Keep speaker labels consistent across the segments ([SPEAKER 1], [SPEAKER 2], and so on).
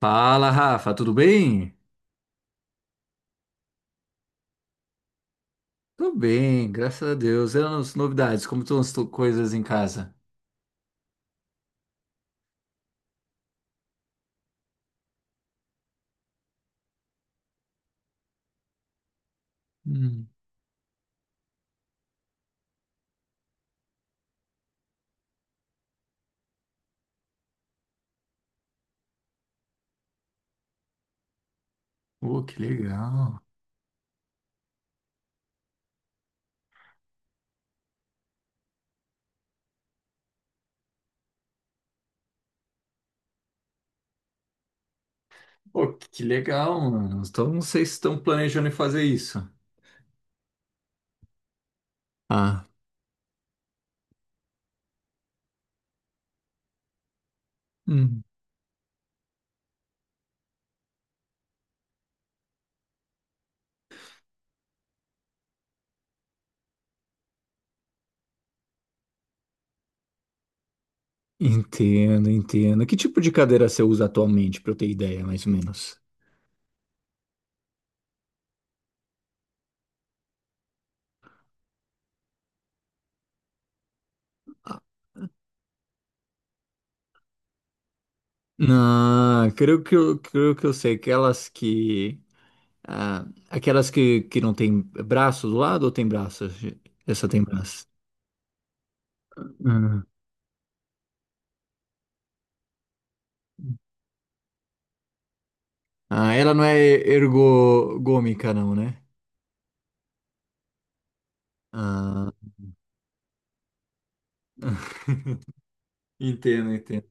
[SPEAKER 1] Fala, Rafa, tudo bem? Tô bem, graças a Deus. E as novidades, como estão coisas em casa? Hum. Oh, que legal. Pô, que legal, mano. Então, não sei se estão planejando em fazer isso. Ah. Hum. Entendo, entendo. Que tipo de cadeira você usa atualmente, pra eu ter ideia, mais ou menos? Ah. Não, creio que eu sei. Aquelas que. Aquelas que não tem braço do lado ou tem braço? Essa tem braço. Ah, ela não é ergogômica, não, né? Ah, entendo, entendo.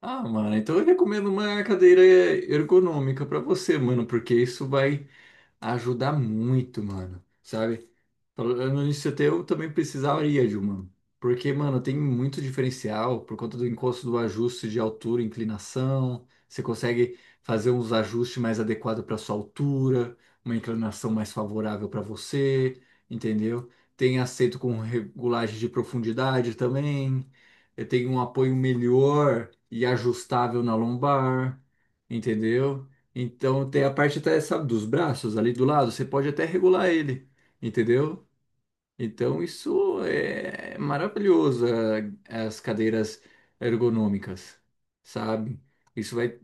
[SPEAKER 1] Ah, mano, então eu recomendo uma cadeira ergonômica pra você, mano, porque isso vai ajudar muito, mano, sabe? Falando nisso, até eu também precisaria de uma. Porque, mano, tem muito diferencial por conta do encosto do ajuste de altura e inclinação. Você consegue fazer uns ajustes mais adequados para sua altura, uma inclinação mais favorável para você, entendeu? Tem aceito com regulagem de profundidade também. Tem um apoio melhor e ajustável na lombar, entendeu? Então tem a parte até, sabe, dos braços ali do lado, você pode até regular ele, entendeu? Então isso é maravilhoso, as cadeiras ergonômicas, sabe? Isso vai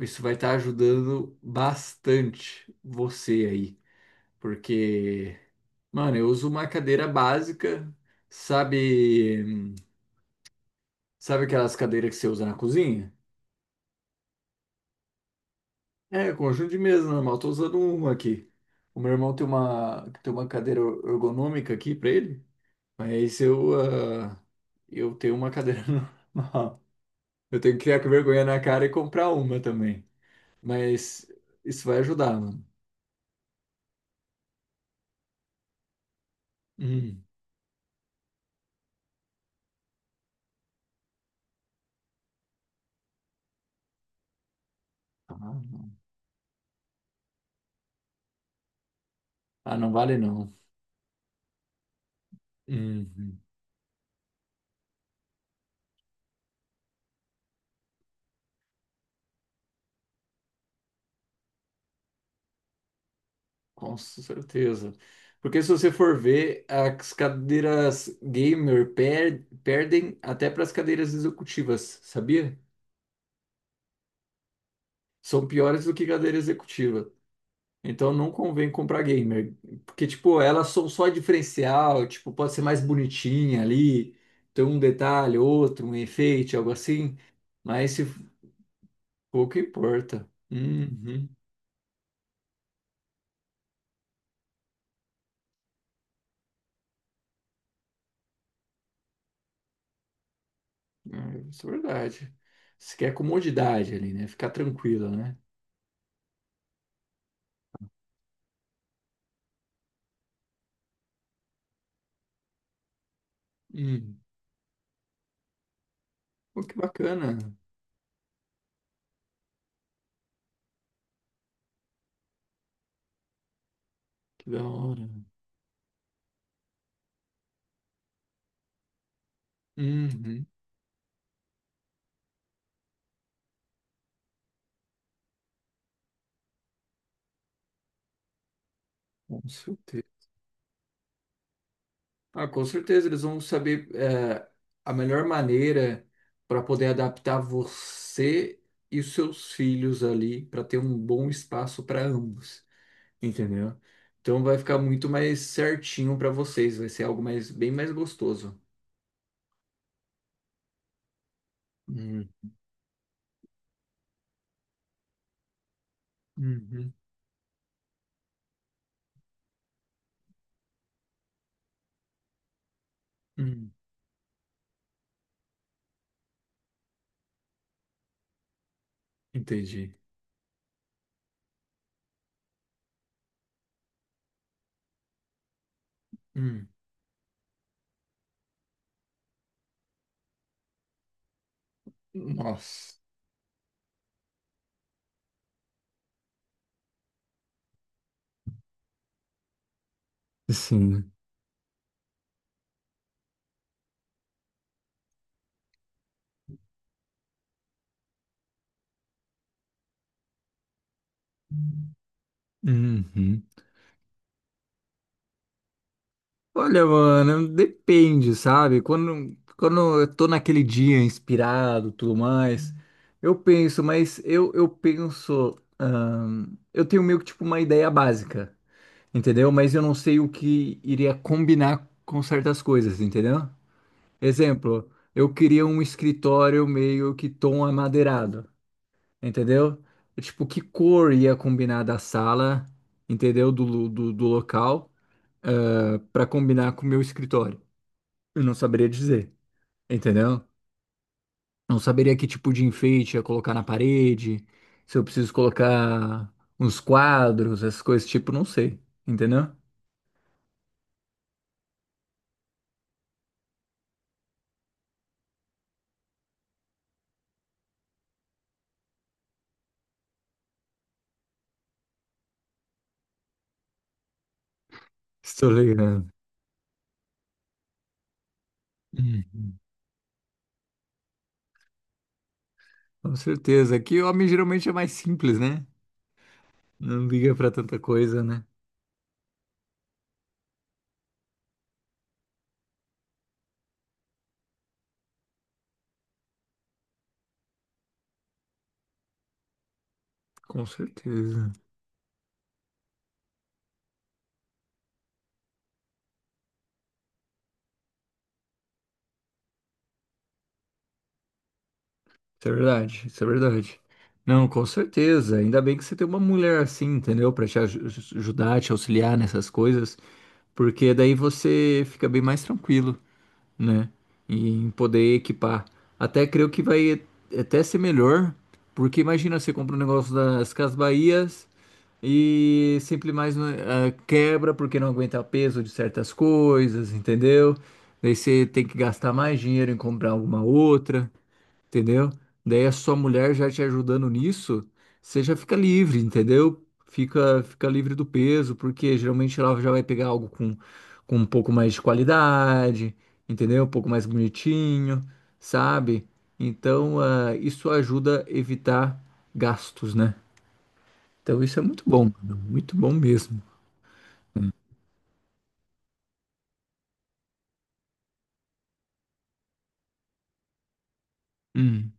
[SPEAKER 1] isso vai estar ajudando bastante você aí, porque, mano, eu uso uma cadeira básica, sabe, sabe aquelas cadeiras que você usa na cozinha? É, conjunto de mesa normal. Tô usando um aqui. O meu irmão tem uma cadeira ergonômica aqui pra ele, mas ah, eu tenho uma cadeira normal. Eu tenho que criar com vergonha na cara e comprar uma também. Mas isso vai ajudar, mano. Hum. Ah, não. Ah, não vale não. Uhum. Com certeza. Porque se você for ver, as cadeiras gamer perdem até para as cadeiras executivas, sabia? São piores do que cadeira executiva. Então não convém comprar gamer, porque tipo, elas são só diferencial, tipo, pode ser mais bonitinha ali, tem um detalhe, outro, um efeito, algo assim, mas se pouco importa. Uhum. É, isso é verdade. Você quer comodidade ali, né? Ficar tranquila, né? Hum. Pô, que bacana. Que da hora. Uhum. Com certeza. Ah, com certeza, eles vão saber a melhor maneira para poder adaptar você e os seus filhos ali, para ter um bom espaço para ambos, entendeu? Então vai ficar muito mais certinho para vocês, vai ser algo mais, bem mais gostoso. Hum. Uhum. Hum. Entendi. Hum. Nossa. Sim. Uhum. Olha, mano, depende, sabe? Quando eu tô naquele dia inspirado, tudo mais, eu penso, mas eu penso, eu tenho meio que tipo uma ideia básica, entendeu? Mas eu não sei o que iria combinar com certas coisas, entendeu? Exemplo, eu queria um escritório meio que tom amadeirado, entendeu? Tipo, que cor ia combinar da sala, entendeu? Do local, para combinar com o meu escritório. Eu não saberia dizer, entendeu? Não saberia que tipo de enfeite ia colocar na parede, se eu preciso colocar uns quadros, essas coisas, tipo, não sei, entendeu? Estou ligando. Hum. Com certeza. Aqui o homem geralmente é mais simples, né? Não liga pra tanta coisa, né? Com certeza. Isso é verdade, isso é verdade. Não, com certeza. Ainda bem que você tem uma mulher assim, entendeu? Pra te ajudar, te auxiliar nessas coisas, porque daí você fica bem mais tranquilo, né? E em poder equipar. Até creio que vai até ser melhor, porque imagina, você compra um negócio das Casas Bahias e sempre mais quebra porque não aguenta o peso de certas coisas, entendeu? Daí você tem que gastar mais dinheiro em comprar alguma outra, entendeu? Daí a sua mulher já te ajudando nisso, você já fica livre, entendeu? Fica livre do peso, porque geralmente ela já vai pegar algo com um pouco mais de qualidade, entendeu? Um pouco mais bonitinho, sabe? Então, isso ajuda a evitar gastos, né? Então, isso é muito bom, mano, muito bom mesmo. Hum.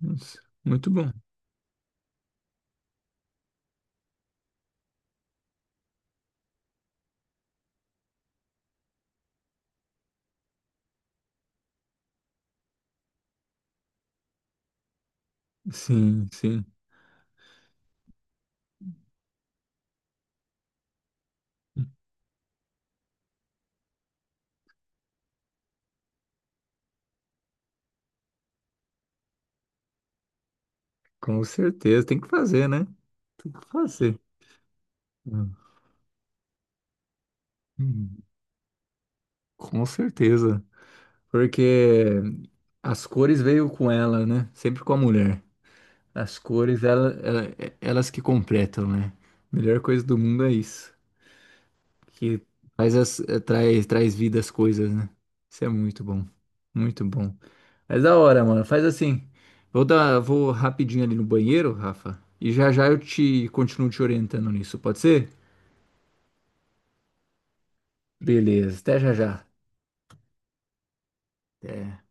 [SPEAKER 1] Nossa, muito bom. Sim, sim, com certeza. Tem que fazer, né? Tem que fazer. Hum. Com certeza. Porque as cores veio com ela, né? Sempre com a mulher. As cores, elas que completam, né? Melhor coisa do mundo é isso. Que faz as, eh, traz, traz vida às coisas, né? Isso é muito bom. Muito bom. Mas da hora, mano. Faz assim. Vou rapidinho ali no banheiro, Rafa. E já já eu te continuo te orientando nisso, pode ser? Beleza. Até já já. Até.